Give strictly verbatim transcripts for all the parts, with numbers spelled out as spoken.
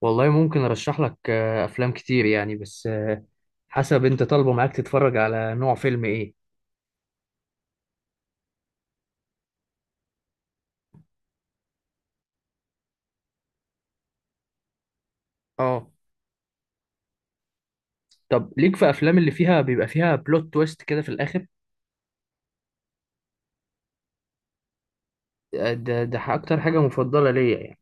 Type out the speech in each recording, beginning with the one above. والله ممكن ارشح لك آه، افلام كتير يعني، بس آه، حسب انت طالبه معاك تتفرج على نوع فيلم ايه؟ اه، طب ليك في افلام اللي فيها بيبقى فيها بلوت تويست كده في الاخر. آه، ده ده اكتر حاجه مفضله ليا يعني.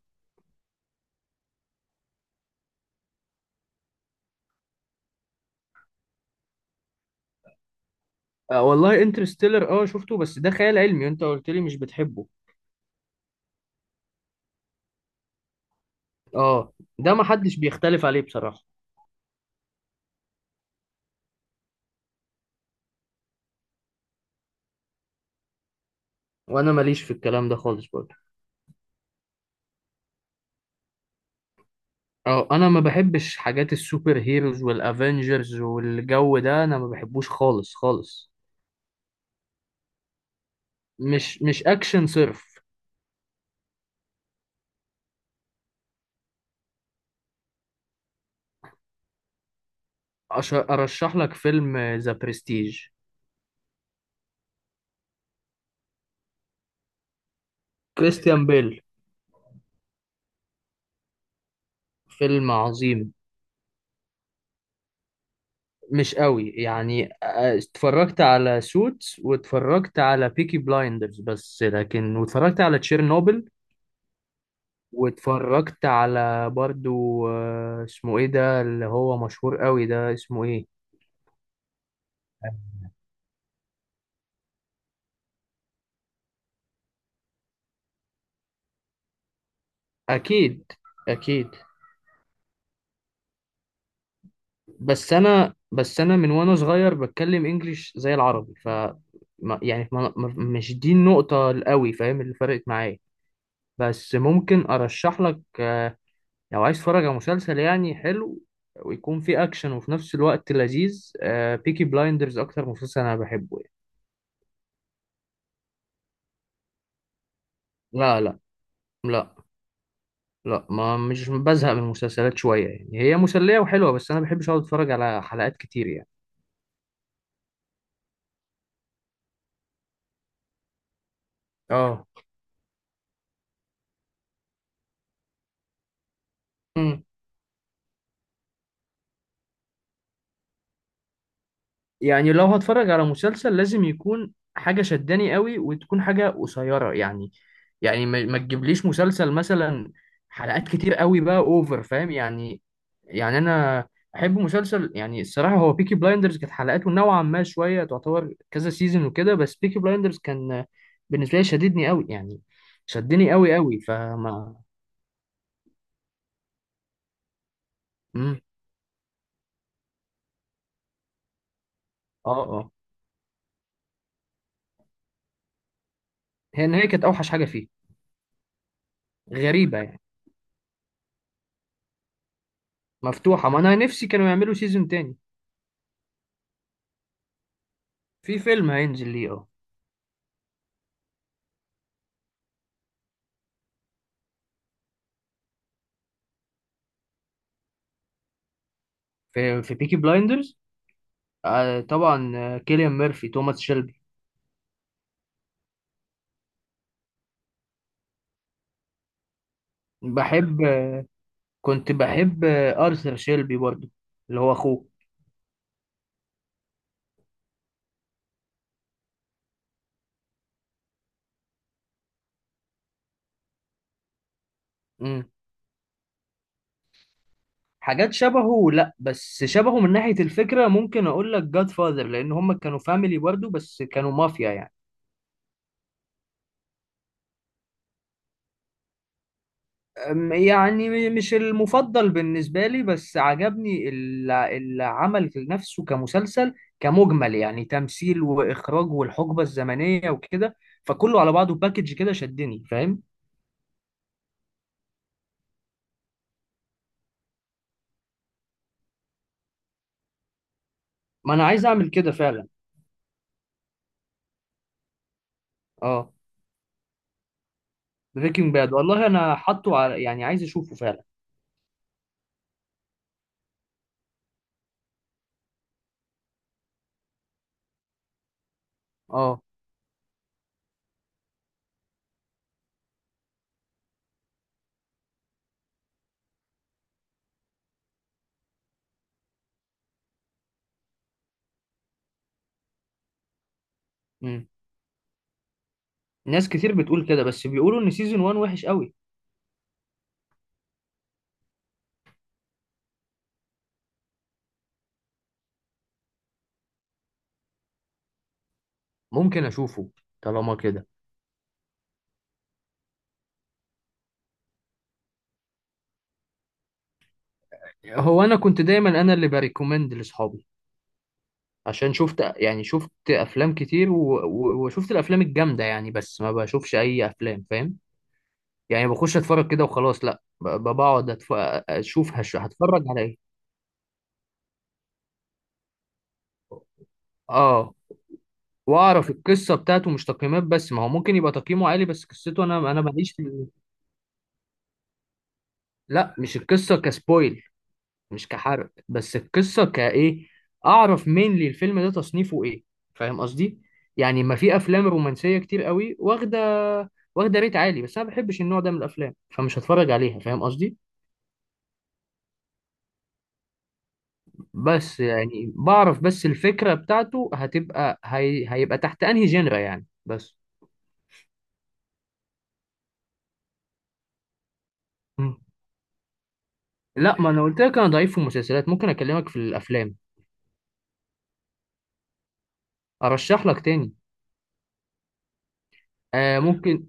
آه، والله انترستيلر اه شفته، بس ده خيال علمي وانت قلت لي مش بتحبه. اه، ده ما حدش بيختلف عليه بصراحه. وانا ماليش في الكلام ده خالص برضه. اه، انا ما بحبش حاجات السوبر هيروز والافنجرز والجو ده، انا ما بحبوش خالص خالص. مش مش اكشن صرف. أش- أرشح لك فيلم ذا برستيج. كريستيان بيل. فيلم عظيم. مش قوي يعني. آه، اتفرجت على سوتس، واتفرجت على بيكي بلايندرز بس لكن، واتفرجت على تشيرنوبل، واتفرجت على برضو آه، اسمه ايه ده اللي هو مشهور قوي، ده اسمه ايه؟ اكيد، اكيد. بس انا بس انا من وانا صغير بتكلم انجليش زي العربي، ف ما- يعني ما ما- مش دي النقطة القوي فاهم اللي فرقت معايا. بس ممكن ارشح لك آه، لو عايز تتفرج على مسلسل يعني حلو، ويكون فيه اكشن وفي نفس الوقت لذيذ، بيكي بلايندرز اكتر مسلسل انا بحبه يعني. لا، لا، لا، لا، ما مش بزهق من المسلسلات شوية، يعني هي مسلية وحلوة، بس انا بحبش اقعد اتفرج على حلقات كتير يعني. اه. يعني لو هتفرج على مسلسل لازم يكون حاجة شداني قوي، وتكون حاجة قصيرة يعني. يعني ما ما تجيبليش مسلسل، مثلا حلقات كتير قوي، بقى اوفر فاهم يعني. يعني انا احب مسلسل، يعني الصراحة، هو بيكي بلايندرز كانت حلقاته نوعا ما شوية، تعتبر كذا سيزون وكده، بس بيكي بلايندرز كان بالنسبة لي شددني قوي يعني، شدني قوي قوي فما. مم. اه، اه. هي النهاية كانت اوحش حاجة فيه. غريبة يعني. مفتوحة، ما انا نفسي كانوا يعملوا سيزون تاني. في فيلم هينزل ليه اه. في في بيكي بلايندرز. آه طبعا، آه، كيليان ميرفي، توماس شيلبي. بحب آه، كنت بحب آه، ارثر شيلبي برضو، اللي هو اخوه. مم. حاجات شبهه لا، بس شبهه من ناحية الفكرة ممكن اقول لك جاد فاذر، لان هم كانوا فاميلي برضو بس كانوا مافيا يعني. أم- يعني مش المفضل بالنسبة لي، بس عجبني ال- العمل نفسه كمسلسل، كمجمل يعني، تمثيل وإخراج والحقبة الزمنية وكده، فكله على بعضه باكج كده شدني فاهم. ما أنا عايز أعمل كده فعلا. اه، بريكنج باد والله أنا حاطه على، يعني عايز أشوفه فعلا. اه. مم. ناس كتير بتقول كده، بس بيقولوا إن سيزون واحد وحش قوي. ممكن أشوفه طالما كده. هو أنا كنت دايما أنا اللي بريكومند لأصحابي، عشان شفت، يعني شفت افلام كتير و... و... وشفت الافلام الجامده يعني، بس ما بشوفش اي افلام فاهم. يعني بخش اتفرج كده وخلاص، لا، ب... ب- بقعد أتف... اشوف هش... هتفرج على ايه. اه، واعرف القصه بتاعته، مش تقييمات بس، ما هو ممكن يبقى تقييمه عالي بس قصته، انا انا ماليش في ال- لا، مش القصه كسبويل، مش كحرق، بس القصه كايه، اعرف مين لي الفيلم ده تصنيفه ايه، فاهم قصدي؟ يعني ما في افلام رومانسيه كتير قوي، واخده واخده ريت عالي، بس انا ما بحبش النوع ده من الافلام، فمش هتفرج عليها فاهم قصدي. بس يعني بعرف بس الفكره بتاعته هتبقى هي... هيبقى تحت انهي جنرا يعني بس. مم. لا، ما انا قلت لك، انا ضعيف في المسلسلات، ممكن اكلمك في الافلام. ارشح لك تاني. آه ممكن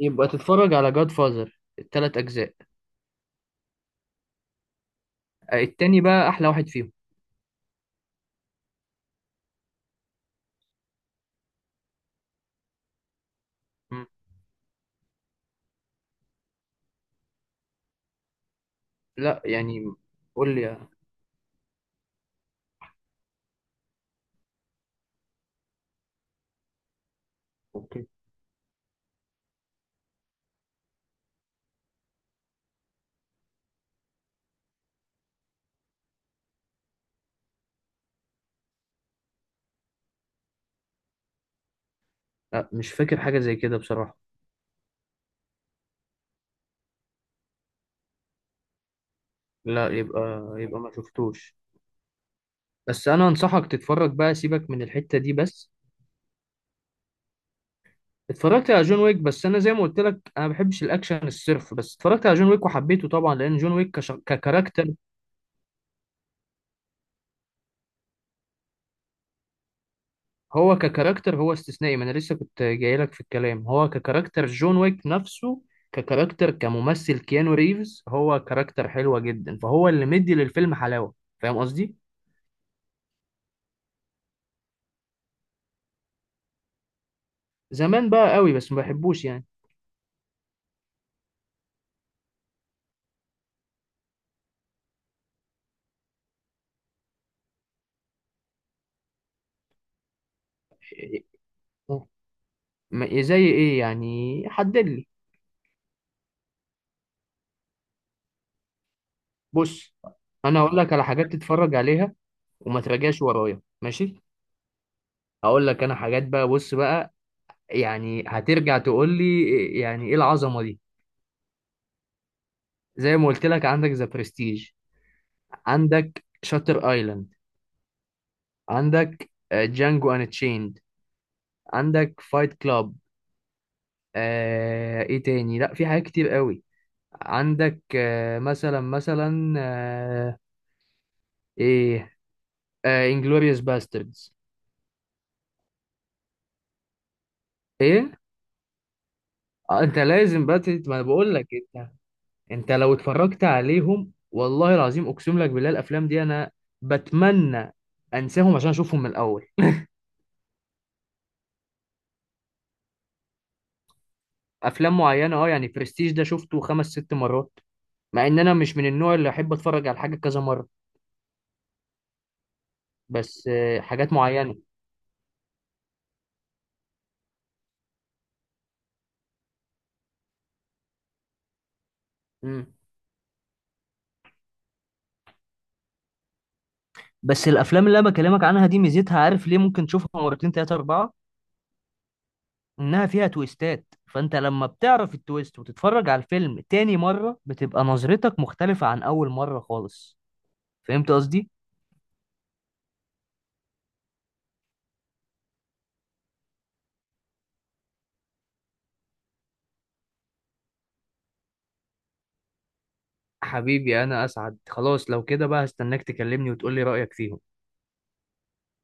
يبقى تتفرج على جاد فازر الثلاث اجزاء. آه التاني بقى احلى واحد فيهم. لا يعني، قول لي يا- اوكي. لا، مش فاكر حاجة زي كده بصراحة. لا، يبقى يبقى ما شفتوش. بس انا انصحك تتفرج بقى، سيبك من الحتة دي بس. اتفرجت على جون ويك، بس انا زي ما قلت لك انا ما بحبش الاكشن الصرف، بس اتفرجت على جون ويك وحبيته طبعا لان جون ويك كش... ككاركتر. هو ككاركتر هو استثنائي، ما انا لسه كنت جاي لك في الكلام، هو ككاركتر جون ويك نفسه، ككاركتر كممثل كيانو ريفز، هو كاركتر حلوة جدا فهو اللي مدي للفيلم حلاوة، فاهم قصدي؟ زمان بقى قوي بس ما بحبوش يعني. م- زي ايه يعني، حدد لي. بص، انا هقول لك على حاجات تتفرج عليها، وما تراجعش ورايا ماشي. هقول لك انا حاجات بقى، بص بقى، يعني هترجع تقول لي إيه- يعني ايه العظمه دي. زي ما قلت لك، عندك ذا برستيج، عندك شاتر ايلاند، عندك جانجو ان تشيند، عندك فايت كلاب، آه ايه تاني، لا في حاجات كتير قوي. عندك آه مثلا مثلا آه ايه آه انجلوريوس باستردز. ايه، آه، انت لازم بقى تت- ما انا بقول لك انت، انت لو اتفرجت عليهم والله العظيم اقسم لك بالله الافلام دي انا بتمنى انساهم عشان اشوفهم من الاول. افلام معينه اه، يعني برستيج ده شفته خمس ست مرات، مع ان انا مش من النوع اللي احب اتفرج على حاجه كذا مره، بس آه، حاجات معينه. مم. بس الافلام اللي انا بكلمك عنها دي ميزتها، عارف ليه ممكن تشوفها مرتين تلاته اربعه، انها فيها تويستات، فانت لما بتعرف التويست وتتفرج على الفيلم تاني مره بتبقى نظرتك مختلفه عن اول مره خالص، فهمت قصدي؟ حبيبي انا اسعد، خلاص لو كده بقى هستناك تكلمني وتقولي رأيك فيهم.